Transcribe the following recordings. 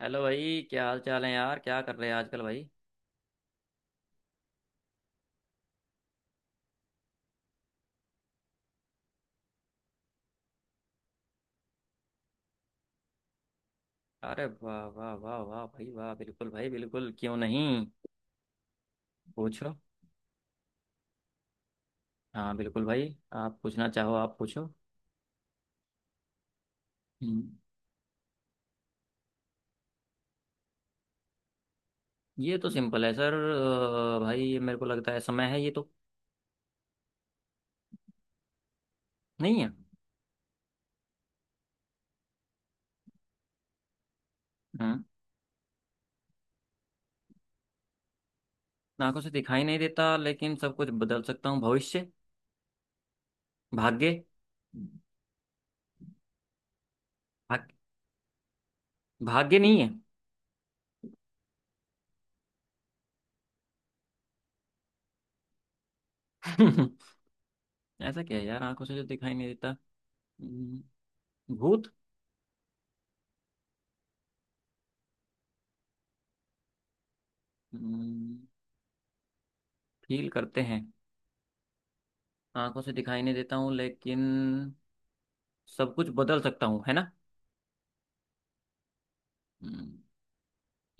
Hello भाई, क्या हाल चाल है यार। क्या कर रहे हैं आजकल भाई। अरे वाह वाह वाह वाह भाई वाह, बिल्कुल भाई, बिल्कुल, क्यों नहीं। पूछो। हाँ बिल्कुल भाई, आप पूछना चाहो आप पूछो। हम्म, ये तो सिंपल है सर। भाई ये मेरे को लगता है समय है ये तो। नहीं है। हम्म आंखों से दिखाई नहीं देता लेकिन सब कुछ बदल सकता हूँ। भविष्य। भाग्य। भाग, भाग्य नहीं है। ऐसा क्या है यार आंखों से जो दिखाई नहीं देता। हम्म, भूत। हम्म, फील करते हैं। आंखों से दिखाई नहीं देता हूँ लेकिन सब कुछ बदल सकता हूँ, है ना।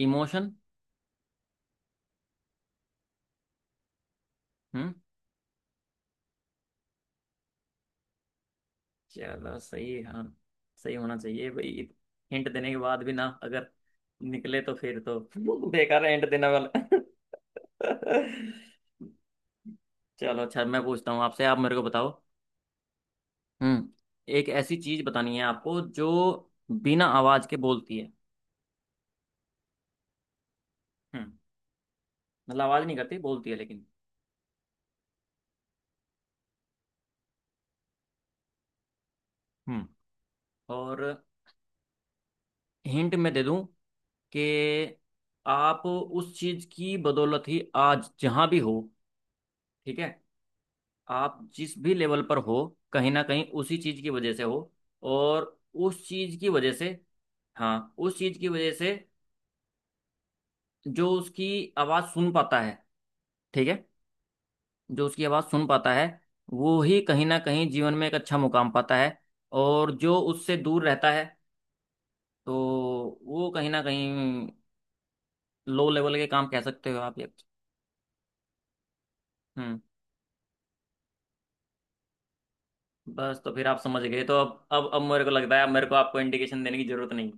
इमोशन। हम्म। चलो सही है, हाँ। सही होना चाहिए भाई। हिंट देने के बाद भी ना अगर निकले तो फिर तो बेकार है हिंट देने वाला। चलो अच्छा, मैं पूछता हूँ आपसे, आप मेरे को बताओ। हम्म। एक ऐसी चीज बतानी है आपको जो बिना आवाज के बोलती है। हम्म। मतलब आवाज नहीं करती, बोलती है लेकिन। हम्म। और हिंट मैं दे दूं कि आप उस चीज की बदौलत ही आज जहां भी हो, ठीक है, आप जिस भी लेवल पर हो, कहीं ना कहीं उसी चीज की वजह से हो। और उस चीज की वजह से, हाँ उस चीज की वजह से, जो उसकी आवाज सुन पाता है, ठीक है, जो उसकी आवाज सुन पाता है, वो ही कहीं ना कहीं जीवन में एक अच्छा मुकाम पाता है। और जो उससे दूर रहता है तो वो कहीं ना कहीं लो लेवल के काम, कह सकते हो आप ये। हम्म। बस तो फिर आप समझ गए, तो अब मेरे को लगता है अब मेरे को आपको इंडिकेशन देने की जरूरत नहीं।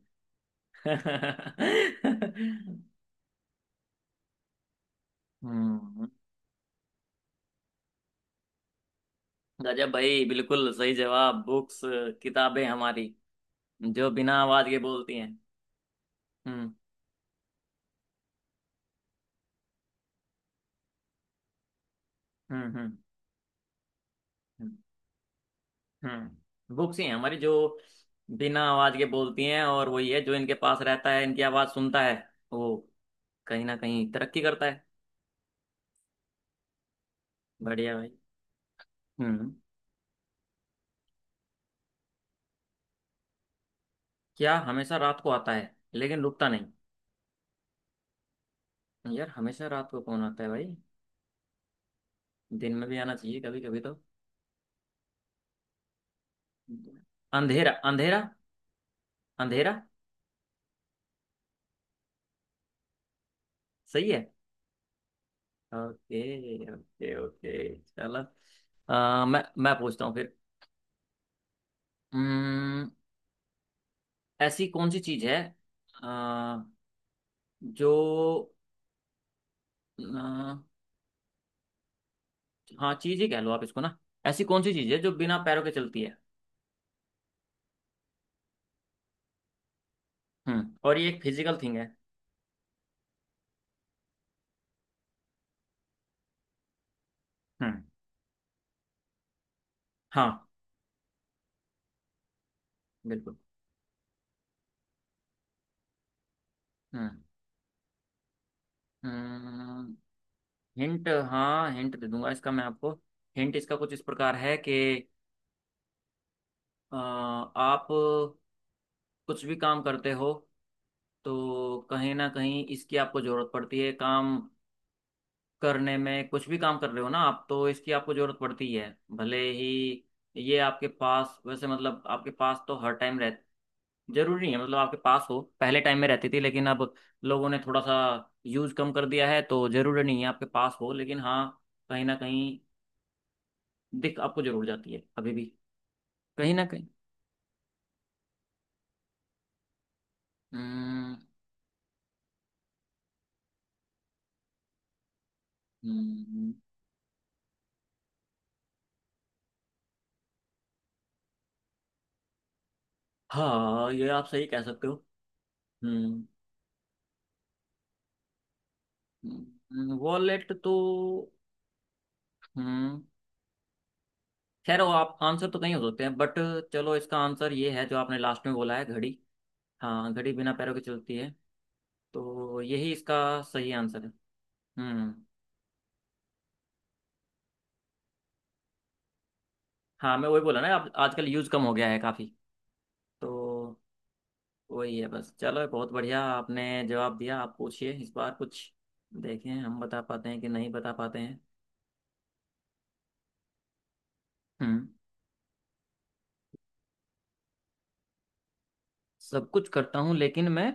हम्म। गजब भाई, बिल्कुल सही जवाब, बुक्स। किताबें हमारी जो बिना आवाज के बोलती हैं। हम्म हम्म। हम्म। बुक्स ही हैं हमारी जो बिना आवाज के बोलती हैं और वही है जो इनके पास रहता है, इनकी आवाज सुनता है, वो कहीं ना कहीं तरक्की करता है। बढ़िया भाई। हम्म। क्या हमेशा रात को आता है लेकिन रुकता नहीं। यार हमेशा रात को कौन आता है भाई, दिन में भी आना चाहिए कभी कभी तो। अंधेरा, अंधेरा। अंधेरा। सही है। ओके। Okay okay. चलो। मैं पूछता हूँ फिर। अम्म, ऐसी कौन सी चीज है, अ, जो, अ, हाँ चीज ही कह लो आप इसको ना, ऐसी कौन सी चीज है जो बिना पैरों के चलती है। हम्म, और ये एक फिजिकल थिंग है। हम्म। हाँ बिल्कुल। हम्म। हिंट, हाँ हिंट दे दूंगा इसका मैं आपको। हिंट इसका कुछ इस प्रकार है कि आप कुछ भी काम करते हो तो कहीं ना कहीं इसकी आपको जरूरत पड़ती है, काम करने में। कुछ भी काम कर रहे हो ना आप, तो इसकी आपको जरूरत पड़ती है। भले ही ये आपके पास वैसे, मतलब आपके पास तो हर टाइम रह जरूरी नहीं है, मतलब आपके पास हो। पहले टाइम में रहती थी लेकिन अब लोगों ने थोड़ा सा यूज कम कर दिया है, तो जरूरी नहीं है आपके पास हो, लेकिन हाँ कहीं ना कहीं दिख आपको जरूर जाती है अभी भी, कहीं ना कहीं। हम्म। हम्म, हाँ ये आप सही कह सकते हो। हम्म। वॉलेट तो। हम्म। खैर वो आप आंसर तो कहीं हो सकते हैं, बट चलो इसका आंसर ये है जो आपने लास्ट में बोला है, घड़ी। हाँ घड़ी बिना पैरों के चलती है, तो यही इसका सही आंसर है। हम्म। हाँ मैं वही बोला ना, आप आजकल यूज कम हो गया है काफी। तो वही है बस। चलो बहुत बढ़िया आपने जवाब दिया। आप पूछिए इस बार कुछ, देखें हम बता पाते हैं कि नहीं बता पाते हैं। हम्म। सब कुछ करता हूँ लेकिन मैं।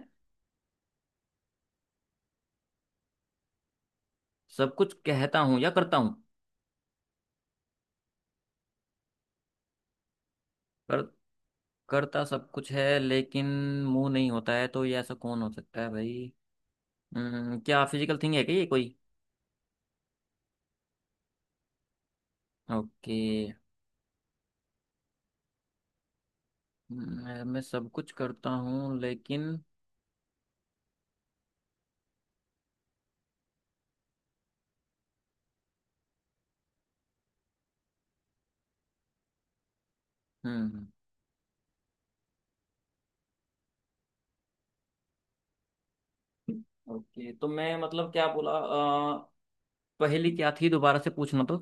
सब कुछ कहता हूँ या करता हूँ। कर करता सब कुछ है लेकिन मुंह नहीं होता है, तो ये ऐसा कौन हो सकता है भाई। क्या फिजिकल थिंग है क्या ये कोई। ओके। मैं सब कुछ करता हूँ लेकिन। हम्म। ओके, तो मैं मतलब क्या बोला पहली क्या थी दोबारा से पूछना तो।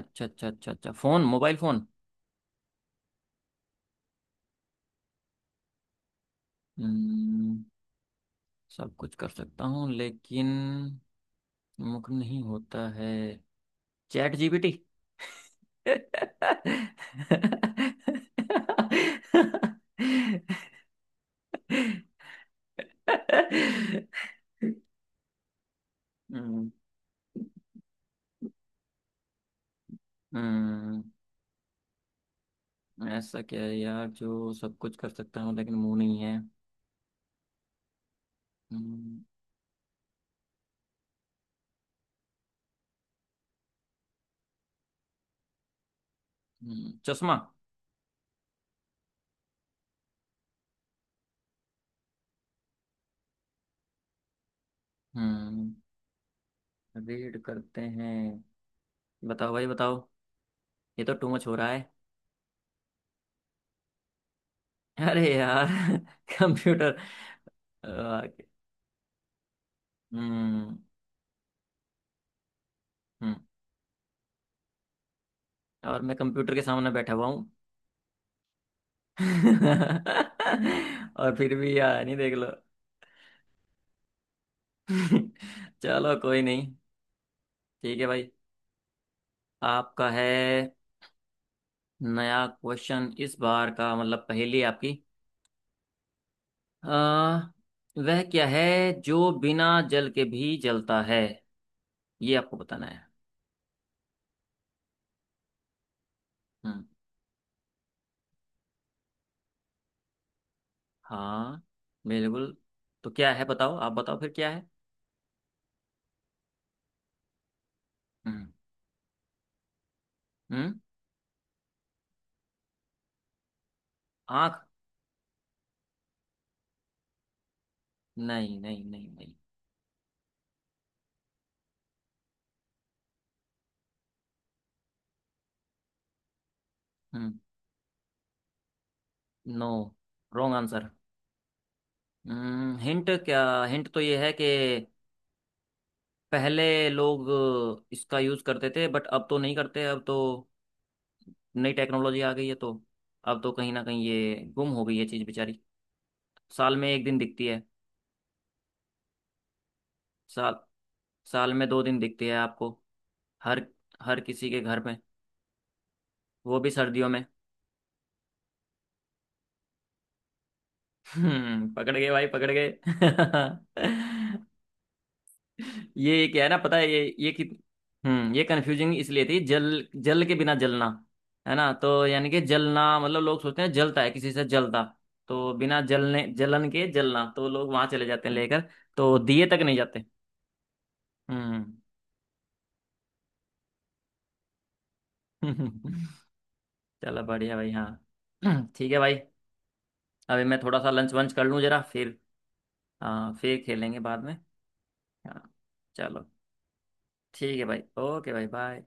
अच्छा अच्छा अच्छा अच्छा, फोन, मोबाइल फोन। हम्म, सब कुछ कर सकता हूँ लेकिन मुख नहीं होता है। Chat GPT. हम्म, हम्म, ऐसा क्या है यार जो सब कुछ कर सकता हूँ लेकिन मुंह नहीं है। हम्म, चश्मा। हम्म। रीड करते हैं। बताओ भाई बताओ, ये तो टू मच हो रहा है। अरे यार कंप्यूटर। आ, हम्म। हम्म, और मैं कंप्यूटर के सामने बैठा हुआ हूँ। और फिर भी यार नहीं देख लो। चलो कोई नहीं। ठीक है भाई। आपका है नया क्वेश्चन इस बार का, मतलब पहेली आपकी। आ, वह क्या है जो बिना जल के भी जलता है, ये आपको बताना है। हम्म। हाँ बिल्कुल। तो क्या है बताओ, आप बताओ फिर क्या है। हम्म हम्म आँख। नहीं नहीं नहीं नहीं। Hmm. No. Wrong answer. Hmm, hint क्या। हिंट तो ये है कि पहले लोग इसका यूज़ करते थे, बट अब तो नहीं करते, अब तो नई टेक्नोलॉजी आ गई है, तो अब तो कहीं ना कहीं ये गुम हो गई है चीज़ बेचारी। साल में एक दिन दिखती है। साल साल में दो दिन दिखती है आपको, हर हर किसी के घर में। वो भी सर्दियों में। हम्म, पकड़ गए भाई, पकड़ गए। ये क्या है ना पता है ये कि, हम्म, ये कंफ्यूजिंग इसलिए थी, जल जल के बिना जलना, है ना। तो यानी कि जलना मतलब लोग सोचते हैं जलता है, किसी से जलता। तो बिना जलने, जलन के जलना तो लोग वहां चले जाते हैं लेकर, तो दिए तक नहीं जाते। हम्म। चलो बढ़िया भाई। हाँ ठीक है भाई, अभी मैं थोड़ा सा लंच वंच कर लूँ जरा फिर। हाँ फिर खेलेंगे बाद में। हाँ। चलो ठीक है भाई, ओके भाई, बाय।